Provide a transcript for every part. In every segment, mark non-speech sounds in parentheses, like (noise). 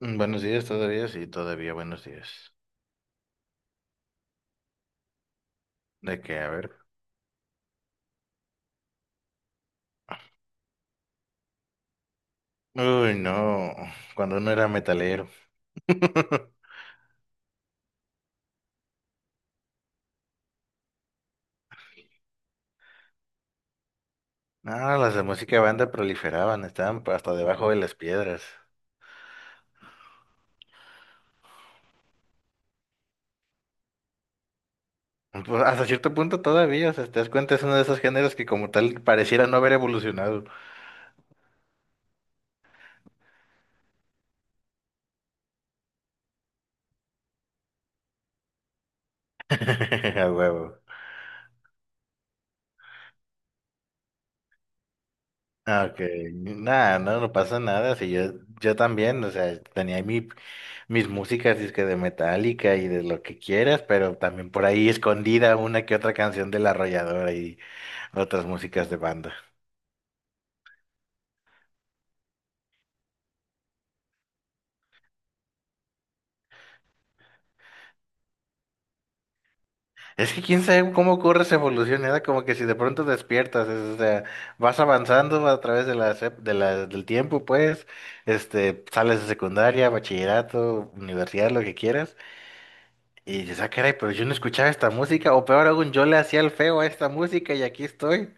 Buenos días todavía, sí, todavía buenos días. ¿De qué? A ver. Uy, no, cuando uno era metalero. (laughs) No, las de música banda proliferaban, estaban hasta debajo de las piedras. Pues, hasta cierto punto todavía, o sea, te das cuenta, es uno de esos géneros que como tal pareciera no haber evolucionado. (laughs) A huevo. Ah, ok, nada, no, no pasa nada, si yo, yo también, o sea, tenía mi, mis músicas, disque de Metallica y de lo que quieras, pero también por ahí escondida una que otra canción de La Arrolladora y otras músicas de banda. Es que quién sabe cómo ocurre esa evolución, era como que si de pronto despiertas, o sea, vas avanzando a través de las ep- de la- del tiempo, pues, este, sales de secundaria, bachillerato, universidad, lo que quieras, y dices, ah, caray, pero yo no escuchaba esta música, o peor aún, yo le hacía el feo a esta música y aquí estoy.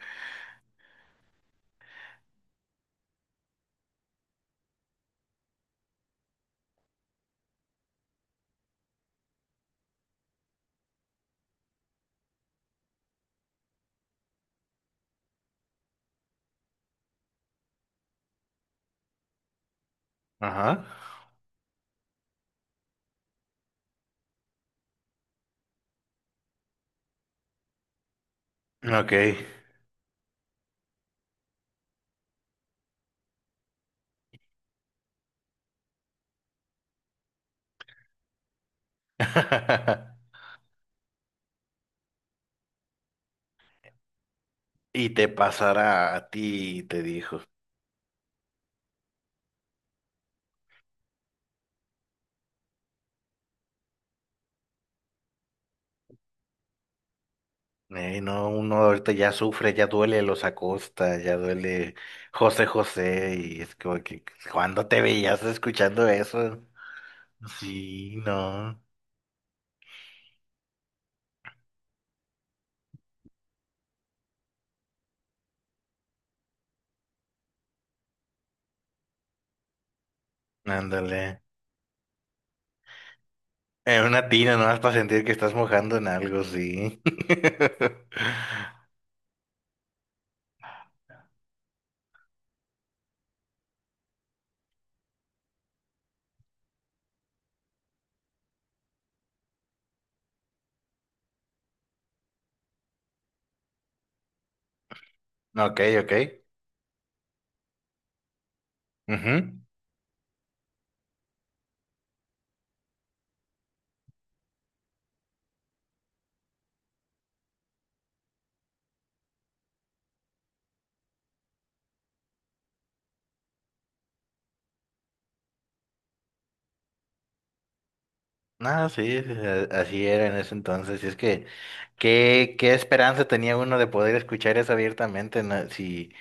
Ajá. Ok. (laughs) Y te pasará a ti, te dijo. "Ey, no, uno ahorita ya sufre, ya duele los Acosta, ya duele José José, y es como que, ¿cuándo te veías escuchando eso? Sí, no, ándale. En una tina nomás para sentir que estás mojando en algo, sí. (laughs) Ok, ok. Ujú. No, sí, sí, así era en ese entonces. Y es que, qué esperanza tenía uno de poder escuchar eso abiertamente, no? Si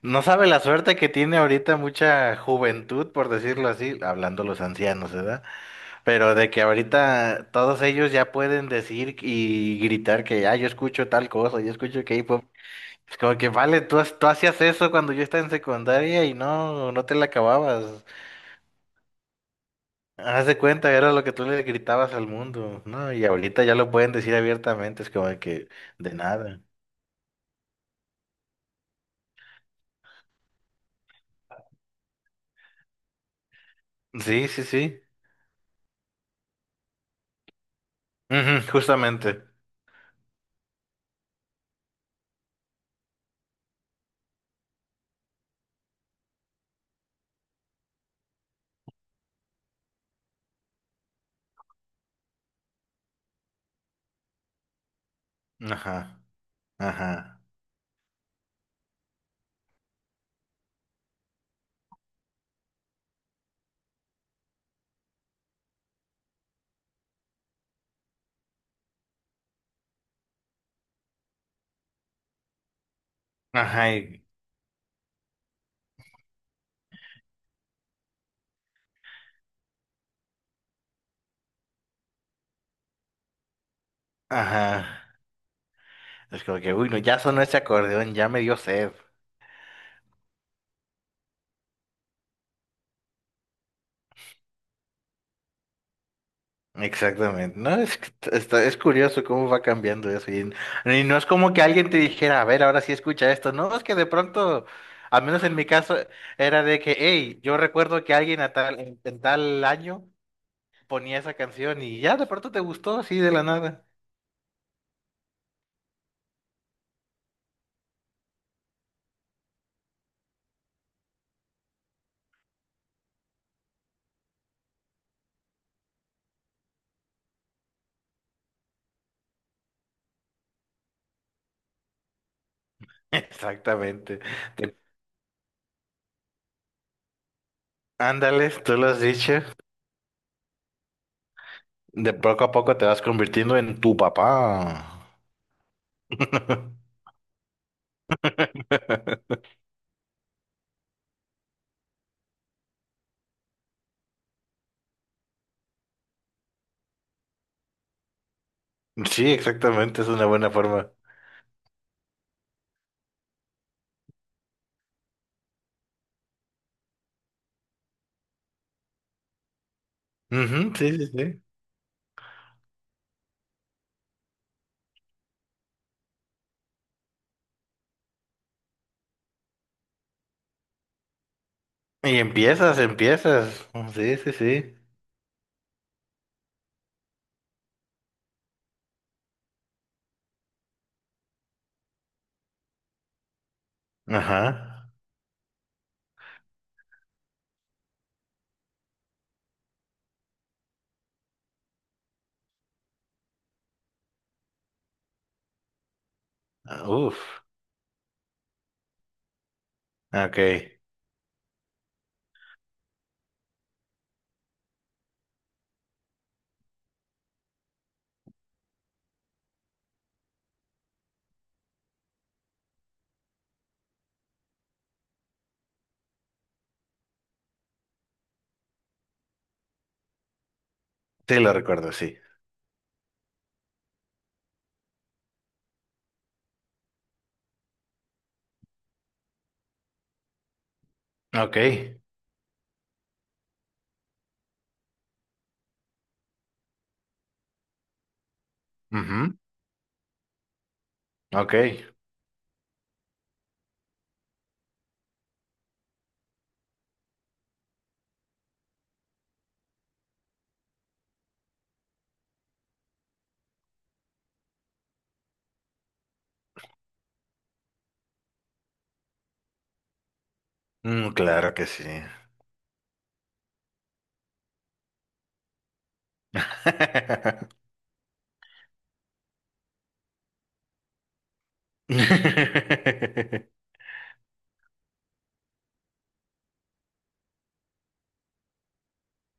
no sabe la suerte que tiene ahorita mucha juventud, por decirlo así, hablando los ancianos, ¿verdad? Pero de que ahorita todos ellos ya pueden decir y gritar que, ah, yo escucho tal cosa, yo escucho K-pop. Es como que, vale, tú, tú hacías eso cuando yo estaba en secundaria y no, no te la acababas. Haz de cuenta, era lo que tú le gritabas al mundo, ¿no? Y ahorita ya lo pueden decir abiertamente, es como que, de nada. Sí, sí, sí. Ujú, justamente. Ajá, ajá. Ajá, y- Ajá. Es como que, uy, no, ya sonó ese acordeón, ya me dio sed. Exactamente. No, es, está, es curioso cómo va cambiando eso. Y no es como que alguien te dijera, a ver, ahora sí escucha esto. No, es que de pronto, al menos en mi caso, era de que, hey, yo recuerdo que alguien a tal, en tal año ponía esa canción y ya de pronto te gustó así de la nada. (laughs) Exactamente. Te- Ándales, tú lo has dicho. De poco a poco te vas convirtiendo en tu papá. (laughs) Sí, exactamente, es una buena forma. Ujú, sí, sí, sí. Y empiezas, empiezas. Oh, sí, sí, sí. Ajá. Ah, uf. Ok. Sí, lo recuerdo, sí. Ok. Ujú, ok. Mm, claro que sí. (laughs)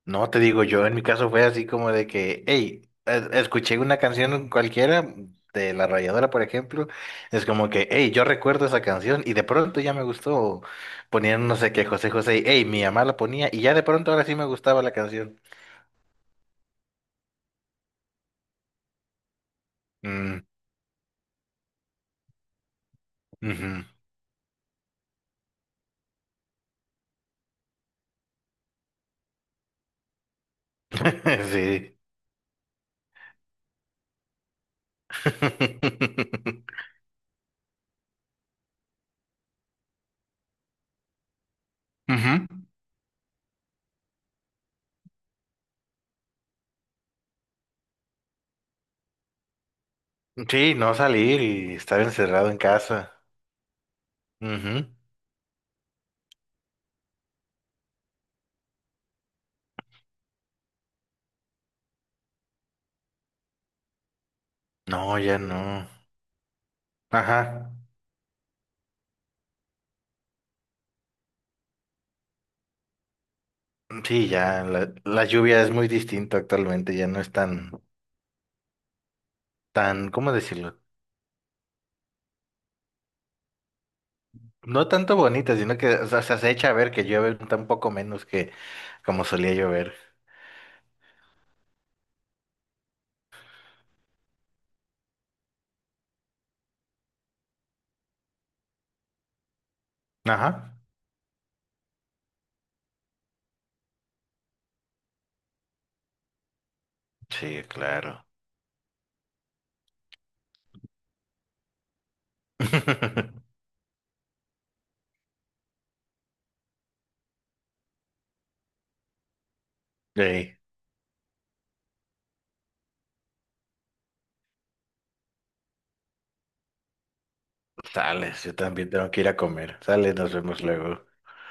No, te digo, yo en mi caso fue así como de que, hey, escuché una canción cualquiera de La Rayadora, por ejemplo, es como que, hey, yo recuerdo esa canción y de pronto ya me gustó, ponían no sé qué, José José, y, hey, mi mamá la ponía y ya de pronto ahora sí me gustaba la canción. Mm, ujú. (laughs) Sí. (laughs) Ujú. Sí, no salir y estar encerrado en casa. Ujú. No, ya no. Ajá. Sí, ya la lluvia es muy distinta actualmente, ya no es tan, tan, ¿cómo decirlo? No tanto bonita, sino que o sea, se echa a ver que llueve un poco menos que como solía llover. Ajá. Sí, claro. (laughs) Ey, sales, yo también tengo que ir a comer. Sales, nos vemos luego.